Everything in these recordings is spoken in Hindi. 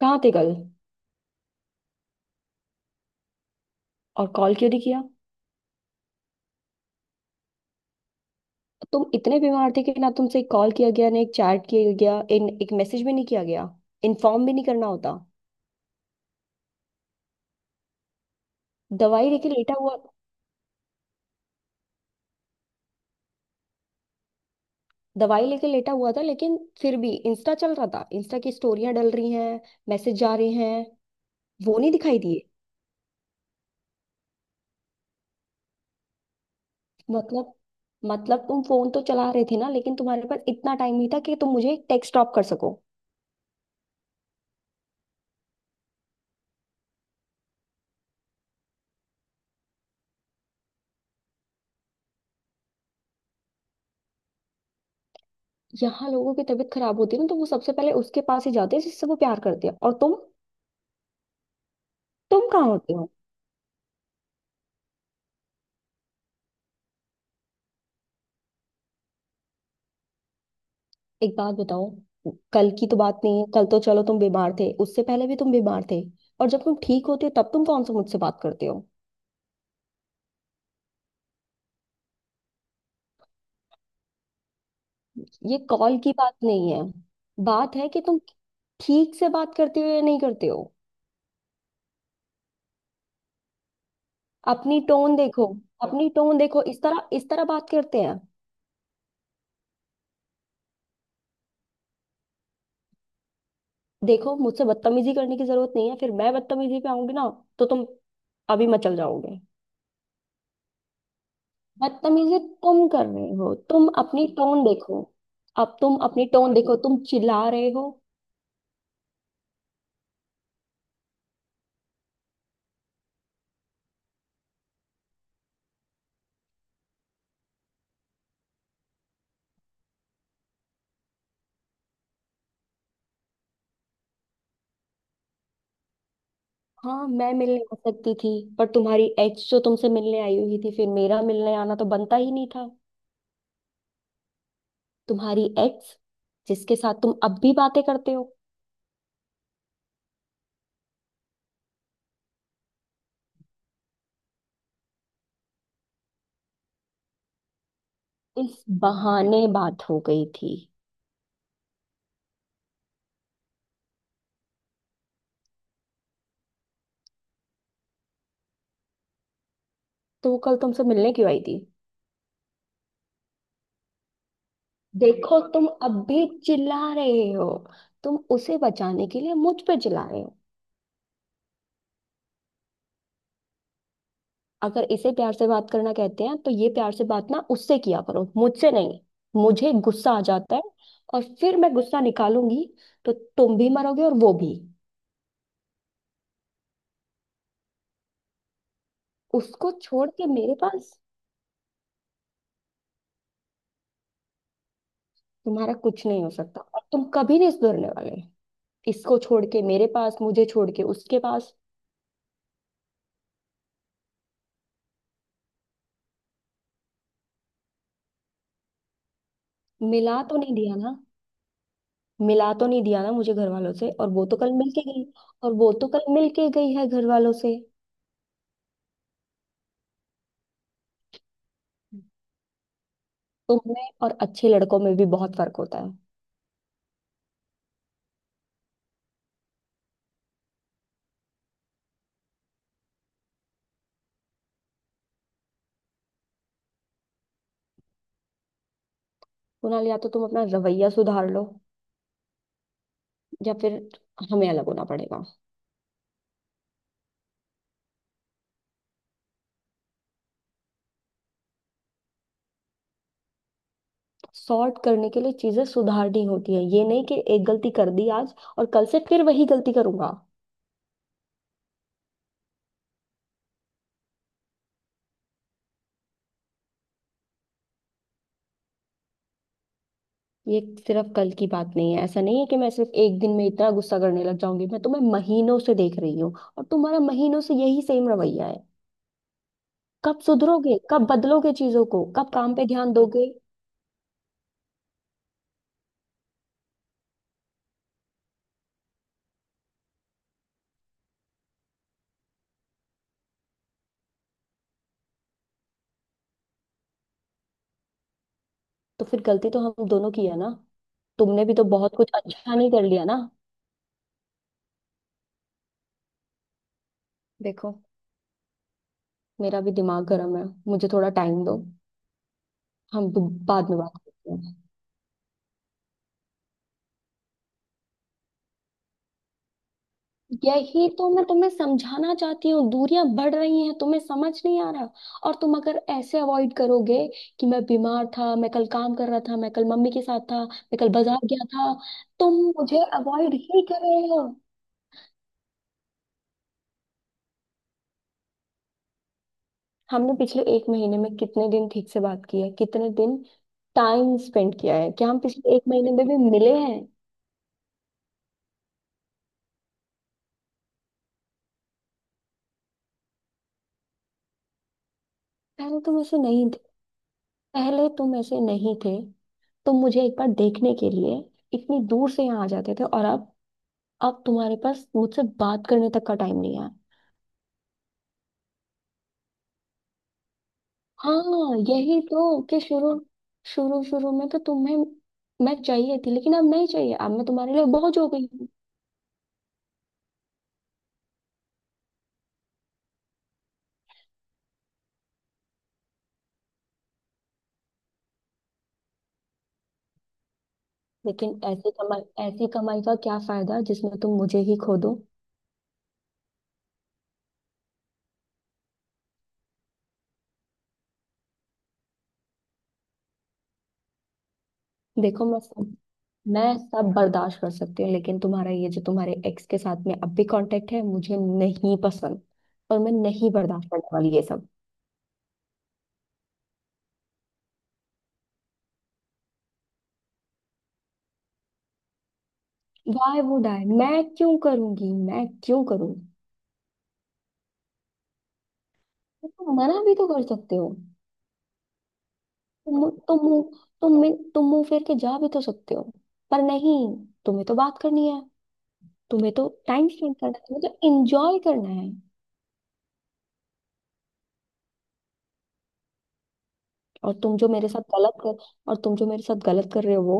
कहाँ थे कल? और कॉल क्यों नहीं किया? तुम इतने बीमार थे कि ना तुमसे एक कॉल किया गया, ना एक चैट किया गया, इन एक मैसेज भी नहीं किया गया। इन्फॉर्म भी नहीं करना होता। दवाई लेके लेटा हुआ दवाई लेके लेटा हुआ था, लेकिन फिर भी इंस्टा चल रहा था। इंस्टा की स्टोरियां डल रही हैं, मैसेज जा रहे हैं, वो नहीं दिखाई दिए? मतलब मतलब, तुम फोन तो चला रहे थे ना, लेकिन तुम्हारे पास इतना टाइम नहीं था कि तुम मुझे एक टेक्स्ट ड्रॉप कर सको। यहाँ लोगों की तबीयत खराब होती है ना, तो वो सबसे पहले उसके पास ही जाते हैं जिससे वो प्यार करते हैं। और तुम कहाँ होते हो? एक बात बताओ। कल की तो बात नहीं है, कल तो चलो तुम बीमार थे, उससे पहले भी तुम बीमार थे। और जब तुम ठीक होते हो तब तुम कौन सा मुझसे बात करते हो? ये कॉल की बात नहीं है। बात है कि तुम ठीक से बात करते हो या नहीं करते हो। अपनी टोन देखो। अपनी टोन देखो, इस तरह बात करते हैं? देखो, मुझसे बदतमीजी करने की जरूरत नहीं है। फिर मैं बदतमीजी पे आऊंगी ना, तो तुम अभी मचल जाओगे। बदतमीजी तुम कर रहे हो, तुम अपनी टोन देखो। अब तुम अपनी टोन देखो, तुम चिल्ला रहे हो। हाँ, मैं मिलने आ सकती थी, पर तुम्हारी एक्स जो तुमसे मिलने आई हुई थी, फिर मेरा मिलने आना तो बनता ही नहीं था। तुम्हारी एक्स, जिसके साथ तुम अब भी बातें करते हो। इस बहाने बात हो गई थी। तो वो कल तुमसे मिलने क्यों आई थी? देखो, तुम अब भी चिल्ला रहे हो। तुम उसे बचाने के लिए मुझ पे चिल्ला रहे हो। अगर इसे प्यार से बात करना कहते हैं, तो ये प्यार से बात ना उससे किया करो, मुझसे नहीं। मुझे गुस्सा आ जाता है, और फिर मैं गुस्सा निकालूंगी, तो तुम भी मरोगे और वो भी। उसको छोड़ के मेरे पास? तुम्हारा कुछ नहीं हो सकता, और तुम कभी नहीं सुधरने वाले। इसको छोड़ के मेरे पास, मुझे छोड़ के उसके पास। मिला तो नहीं दिया ना? मिला तो नहीं दिया ना मुझे घर वालों से? और वो तो कल मिल के गई। और वो तो कल मिल के गई है घर वालों से। तुम में और अच्छे लड़कों में भी बहुत फर्क होता है। कुणाल, या तो तुम अपना रवैया सुधार लो, या फिर हमें अलग होना पड़ेगा। सॉर्ट करने के लिए चीजें सुधारनी होती है, ये नहीं कि एक गलती कर दी आज और कल से फिर वही गलती करूंगा। ये सिर्फ कल की बात नहीं है। ऐसा नहीं है कि मैं सिर्फ एक दिन में इतना गुस्सा करने लग जाऊंगी, मैं तुम्हें महीनों से देख रही हूँ। और तुम्हारा महीनों से यही सेम रवैया है। कब सुधरोगे? कब बदलोगे चीजों को? कब काम पे ध्यान दोगे? तो फिर गलती तो हम दोनों की है ना, तुमने भी तो बहुत कुछ अच्छा नहीं कर लिया ना। देखो, मेरा भी दिमाग गर्म है, मुझे थोड़ा टाइम दो। हम बाद में बात करते हैं। यही तो मैं तुम्हें समझाना चाहती हूँ, दूरियां बढ़ रही हैं, तुम्हें समझ नहीं आ रहा। और तुम अगर ऐसे अवॉइड करोगे कि मैं बीमार था, मैं कल काम कर रहा था, मैं कल मम्मी के साथ था, मैं कल बाजार गया था। तुम मुझे अवॉइड ही कर रहे हो। हमने पिछले एक महीने में कितने दिन ठीक से बात की है? कितने दिन टाइम स्पेंड किया है? क्या हम पिछले एक महीने में भी मिले हैं? पहले तुम ऐसे नहीं थे पहले तुम ऐसे नहीं थे। तुम मुझे एक बार देखने के लिए इतनी दूर से यहाँ आ जाते थे, और अब तुम्हारे पास मुझसे बात करने तक का टाइम नहीं है। हाँ, यही तो कि शुरू शुरू शुरू में तो तुम्हें मैं चाहिए थी, लेकिन अब नहीं चाहिए। अब मैं तुम्हारे लिए बोझ हो गई हूँ। लेकिन ऐसी कमाई का क्या फायदा, जिसमें तुम मुझे ही खो दो? देखो, मैं सब बर्दाश्त कर सकती हूँ, लेकिन तुम्हारा ये जो तुम्हारे एक्स के साथ में अब भी कांटेक्ट है, मुझे नहीं पसंद। और मैं नहीं बर्दाश्त करने वाली ये सब। वाई वुड आई, मैं क्यों करूंगी? मैं क्यों करूंगी? तुम मना भी तो कर सकते हो। तुम तुम मुंह तुम मुंह फेर के जा भी तो सकते हो। पर नहीं, तुम्हें तो बात करनी है, तुम्हें तो टाइम स्पेंड करना है, तुम्हें तो एंजॉय करना है। और तुम जो मेरे साथ गलत कर और तुम जो मेरे साथ गलत कर रहे हो, वो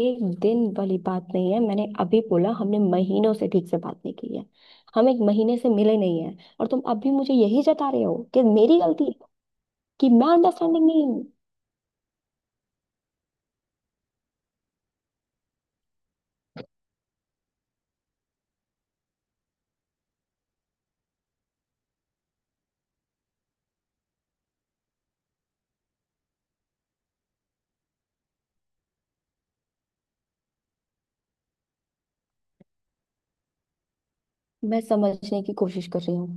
एक दिन वाली बात नहीं है। मैंने अभी बोला, हमने महीनों से ठीक से बात नहीं की है। हम एक महीने से मिले नहीं है। और तुम अभी मुझे यही जता रहे हो कि मेरी गलती है, कि मैं अंडरस्टैंडिंग नहीं हूँ। मैं समझने की कोशिश कर रही हूँ।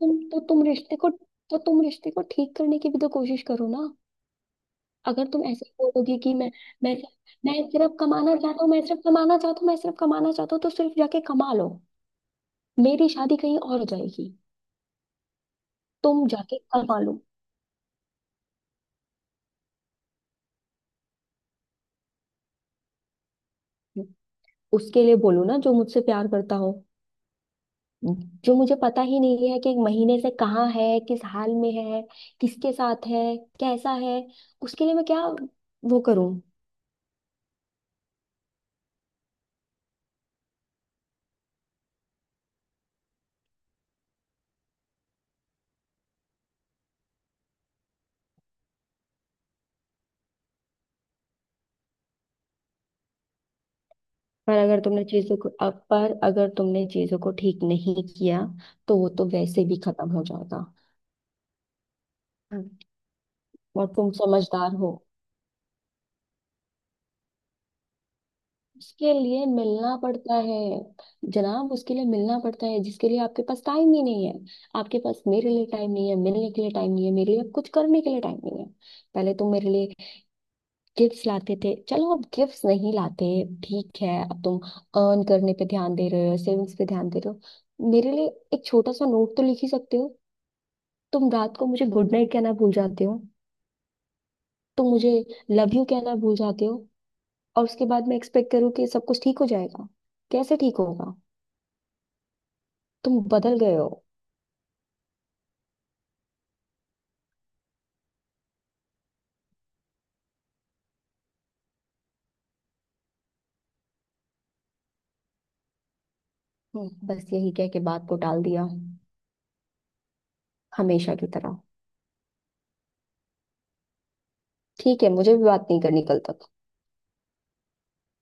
तुम तो तुम रिश्ते को तो तुम रिश्ते को ठीक करने की भी तो कोशिश करो ना। अगर तुम ऐसे ही बोलोगे कि मैं मैं सिर्फ कमाना चाहता हूँ, मैं सिर्फ कमाना चाहता हूँ, मैं सिर्फ कमाना चाहता हूँ, तो सिर्फ जाके कमा लो। मेरी शादी कहीं और हो जाएगी। तुम जाके कमा लो। उसके लिए बोलो ना जो मुझसे प्यार करता हो, जो मुझे पता ही नहीं है कि एक महीने से कहाँ है, किस हाल में है, किसके साथ है, कैसा है। उसके लिए मैं क्या वो करूं? पर अगर तुमने चीजों को ठीक नहीं किया, तो वो तो वैसे भी खत्म हो जाएगा। और तुम समझदार हो। उसके लिए मिलना पड़ता है जनाब, उसके लिए मिलना पड़ता है जिसके लिए आपके पास टाइम ही नहीं है। आपके पास मेरे लिए टाइम नहीं है, मिलने के लिए टाइम नहीं है, मेरे लिए कुछ करने के लिए टाइम नहीं है। पहले तुम मेरे लिए गिफ्ट्स लाते थे, चलो अब गिफ्ट्स नहीं लाते, ठीक है। अब तुम अर्न करने पे ध्यान दे रहे हो, सेविंग्स पे ध्यान दे रहे हो, मेरे लिए एक छोटा सा नोट तो लिख ही सकते हो। तुम रात को मुझे गुड नाइट कहना भूल जाते हो। तुम मुझे लव यू कहना भूल जाते हो। और उसके बाद मैं एक्सपेक्ट करूँ कि सब कुछ ठीक हो जाएगा? कैसे ठीक होगा? तुम बदल गए हो। बस यही कह के बात को टाल दिया, हमेशा की तरह। ठीक है, मुझे भी बात नहीं करनी कल तक।